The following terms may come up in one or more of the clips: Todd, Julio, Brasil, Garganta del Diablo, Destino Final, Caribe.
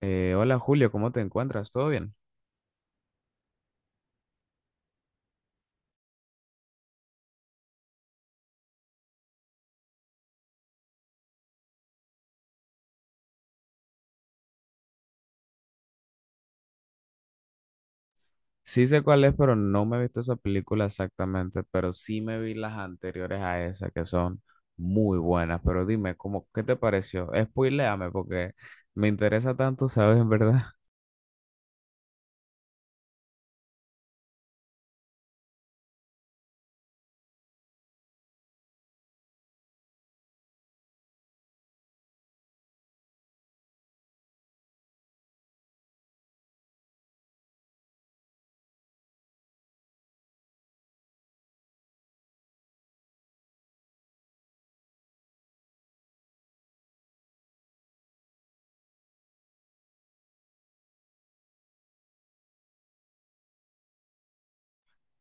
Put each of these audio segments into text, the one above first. Hola Julio, ¿cómo te encuentras? ¿Todo bien? Sí, sé cuál es, pero no me he visto esa película exactamente, pero sí me vi las anteriores a esa que son muy buenas, pero dime, ¿qué te pareció? Spoiléame porque me interesa tanto, ¿sabes? En verdad.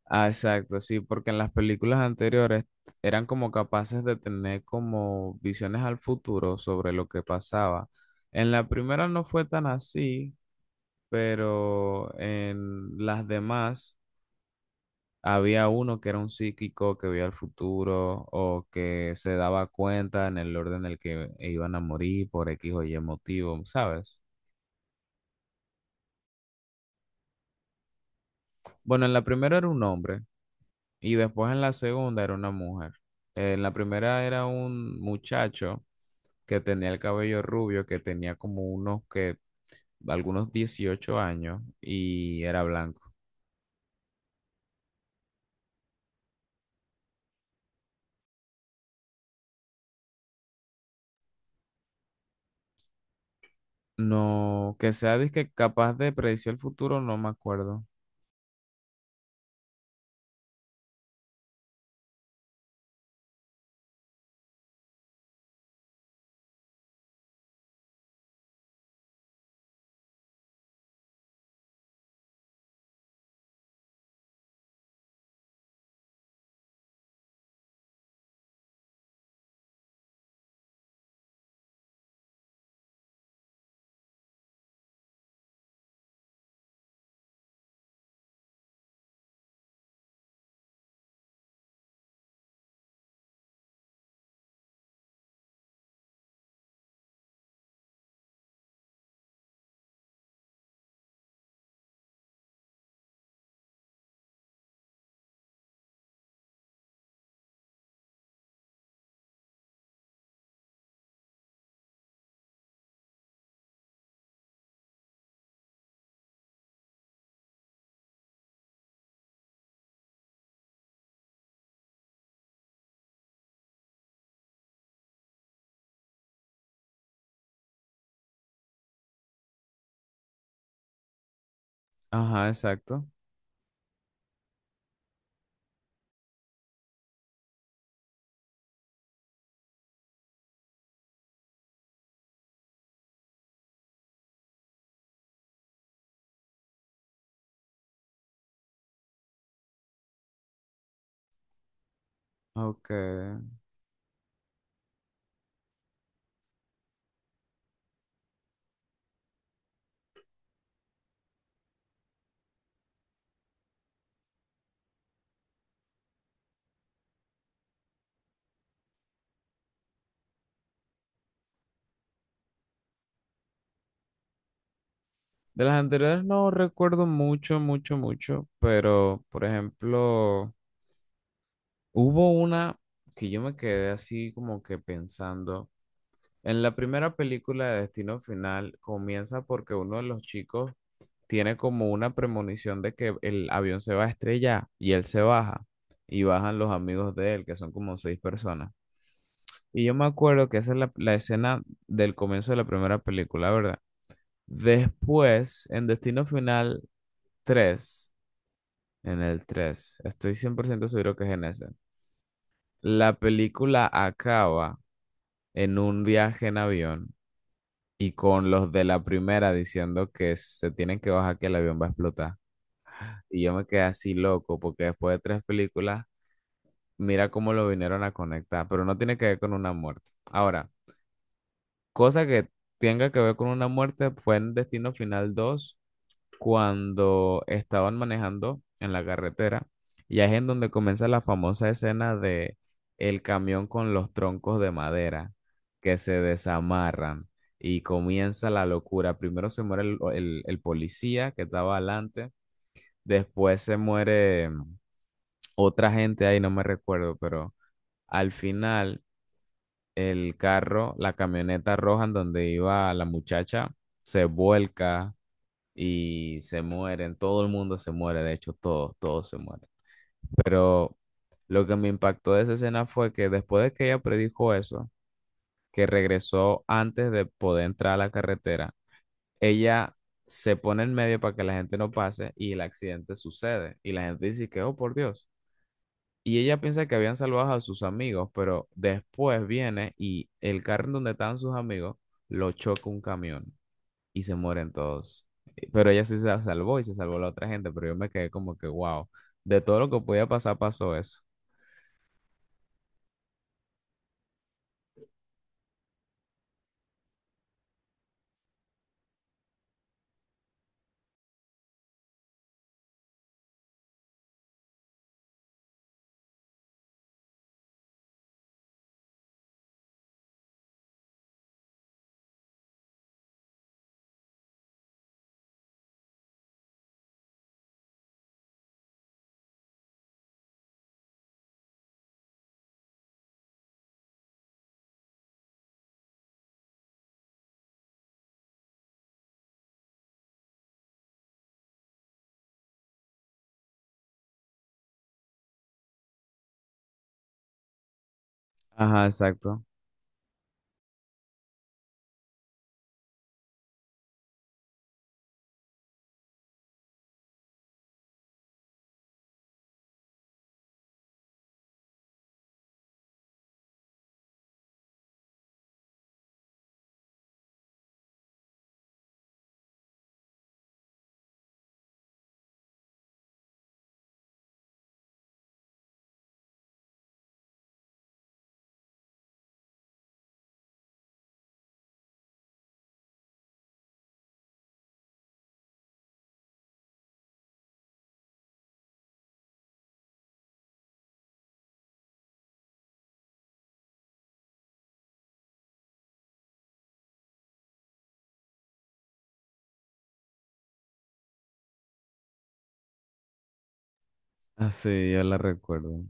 Ah, exacto, sí, porque en las películas anteriores eran como capaces de tener como visiones al futuro sobre lo que pasaba. En la primera no fue tan así, pero en las demás había uno que era un psíquico que veía el futuro o que se daba cuenta en el orden en el que iban a morir por X o Y motivo, ¿sabes? Bueno, en la primera era un hombre y después en la segunda era una mujer. En la primera era un muchacho que tenía el cabello rubio, que tenía como unos que, algunos 18 años y era blanco. No, que sea que capaz de predecir el futuro, no me acuerdo. Ajá, exacto. Ok. De las anteriores no recuerdo mucho, mucho, mucho, pero por ejemplo, hubo una que yo me quedé así como que pensando. En la primera película de Destino Final comienza porque uno de los chicos tiene como una premonición de que el avión se va a estrellar, y él se baja y bajan los amigos de él, que son como seis personas. Y yo me acuerdo que esa es la escena del comienzo de la primera película, ¿verdad? Después, en Destino Final tres, en el tres, estoy 100% seguro que es en ese. La película acaba en un viaje en avión y con los de la primera diciendo que se tienen que bajar, que el avión va a explotar. Y yo me quedé así loco porque después de tres películas, mira cómo lo vinieron a conectar, pero no tiene que ver con una muerte. Ahora, cosa que tenga que ver con una muerte fue en Destino Final dos, cuando estaban manejando en la carretera, y ahí es en donde comienza la famosa escena de el camión con los troncos de madera que se desamarran y comienza la locura. Primero se muere el policía que estaba adelante, después se muere otra gente ahí, no me recuerdo, pero al final el carro, la camioneta roja en donde iba la muchacha, se vuelca y se mueren, todo el mundo se muere, de hecho, todos, todos se mueren. Pero lo que me impactó de esa escena fue que después de que ella predijo eso, que regresó antes de poder entrar a la carretera, ella se pone en medio para que la gente no pase y el accidente sucede. Y la gente dice que, oh, por Dios. Y ella piensa que habían salvado a sus amigos, pero después viene y el carro en donde estaban sus amigos lo choca un camión y se mueren todos. Pero ella sí se salvó y se salvó la otra gente, pero yo me quedé como que, wow, de todo lo que podía pasar pasó eso. Ajá, exacto. Así, yo la recuerdo.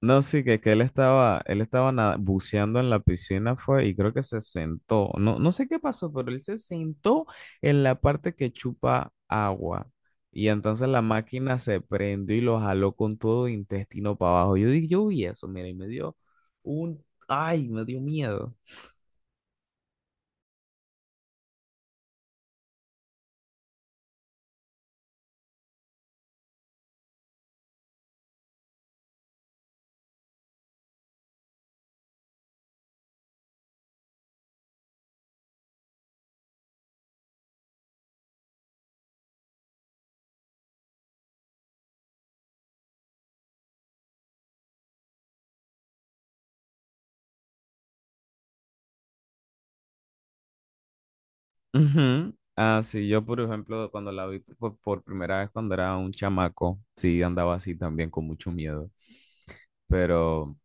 No, sí, que él estaba buceando en la piscina fue y creo que se sentó. No, no sé qué pasó, pero él se sentó en la parte que chupa agua. Y entonces la máquina se prendió y lo jaló con todo intestino para abajo. Yo dije, yo vi eso, mira, y me dio un, ay, me dio miedo. Ujú. Ah, sí, yo por ejemplo, cuando la vi por primera vez cuando era un chamaco, sí andaba así también con mucho miedo. Pero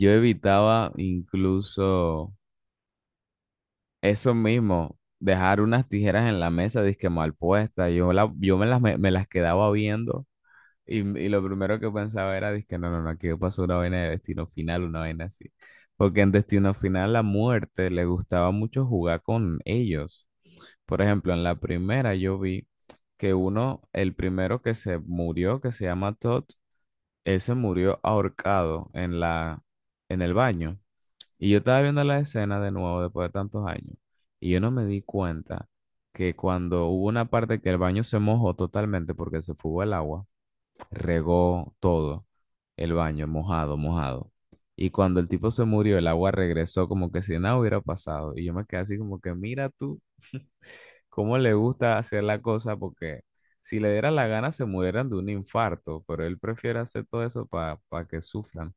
yo evitaba incluso eso mismo, dejar unas tijeras en la mesa, disque mal puesta. Yo me las, me las quedaba viendo, y lo primero que pensaba era, disque no, no, no, aquí pasó una vaina de Destino Final, una vaina así. Porque en Destino Final la muerte le gustaba mucho jugar con ellos. Por ejemplo, en la primera yo vi que uno, el primero que se murió, que se llama Todd, ese murió ahorcado en en el baño. Y yo estaba viendo la escena de nuevo después de tantos años. Y yo no me di cuenta que cuando hubo una parte que el baño se mojó totalmente porque se fugó el agua, regó todo el baño, mojado, mojado. Y cuando el tipo se murió, el agua regresó como que si nada hubiera pasado. Y yo me quedé así como que, mira tú. Cómo le gusta hacer la cosa, porque si le diera la gana se murieran de un infarto, pero él prefiere hacer todo eso para que sufran.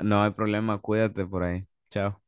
No hay problema, cuídate por ahí. Chao.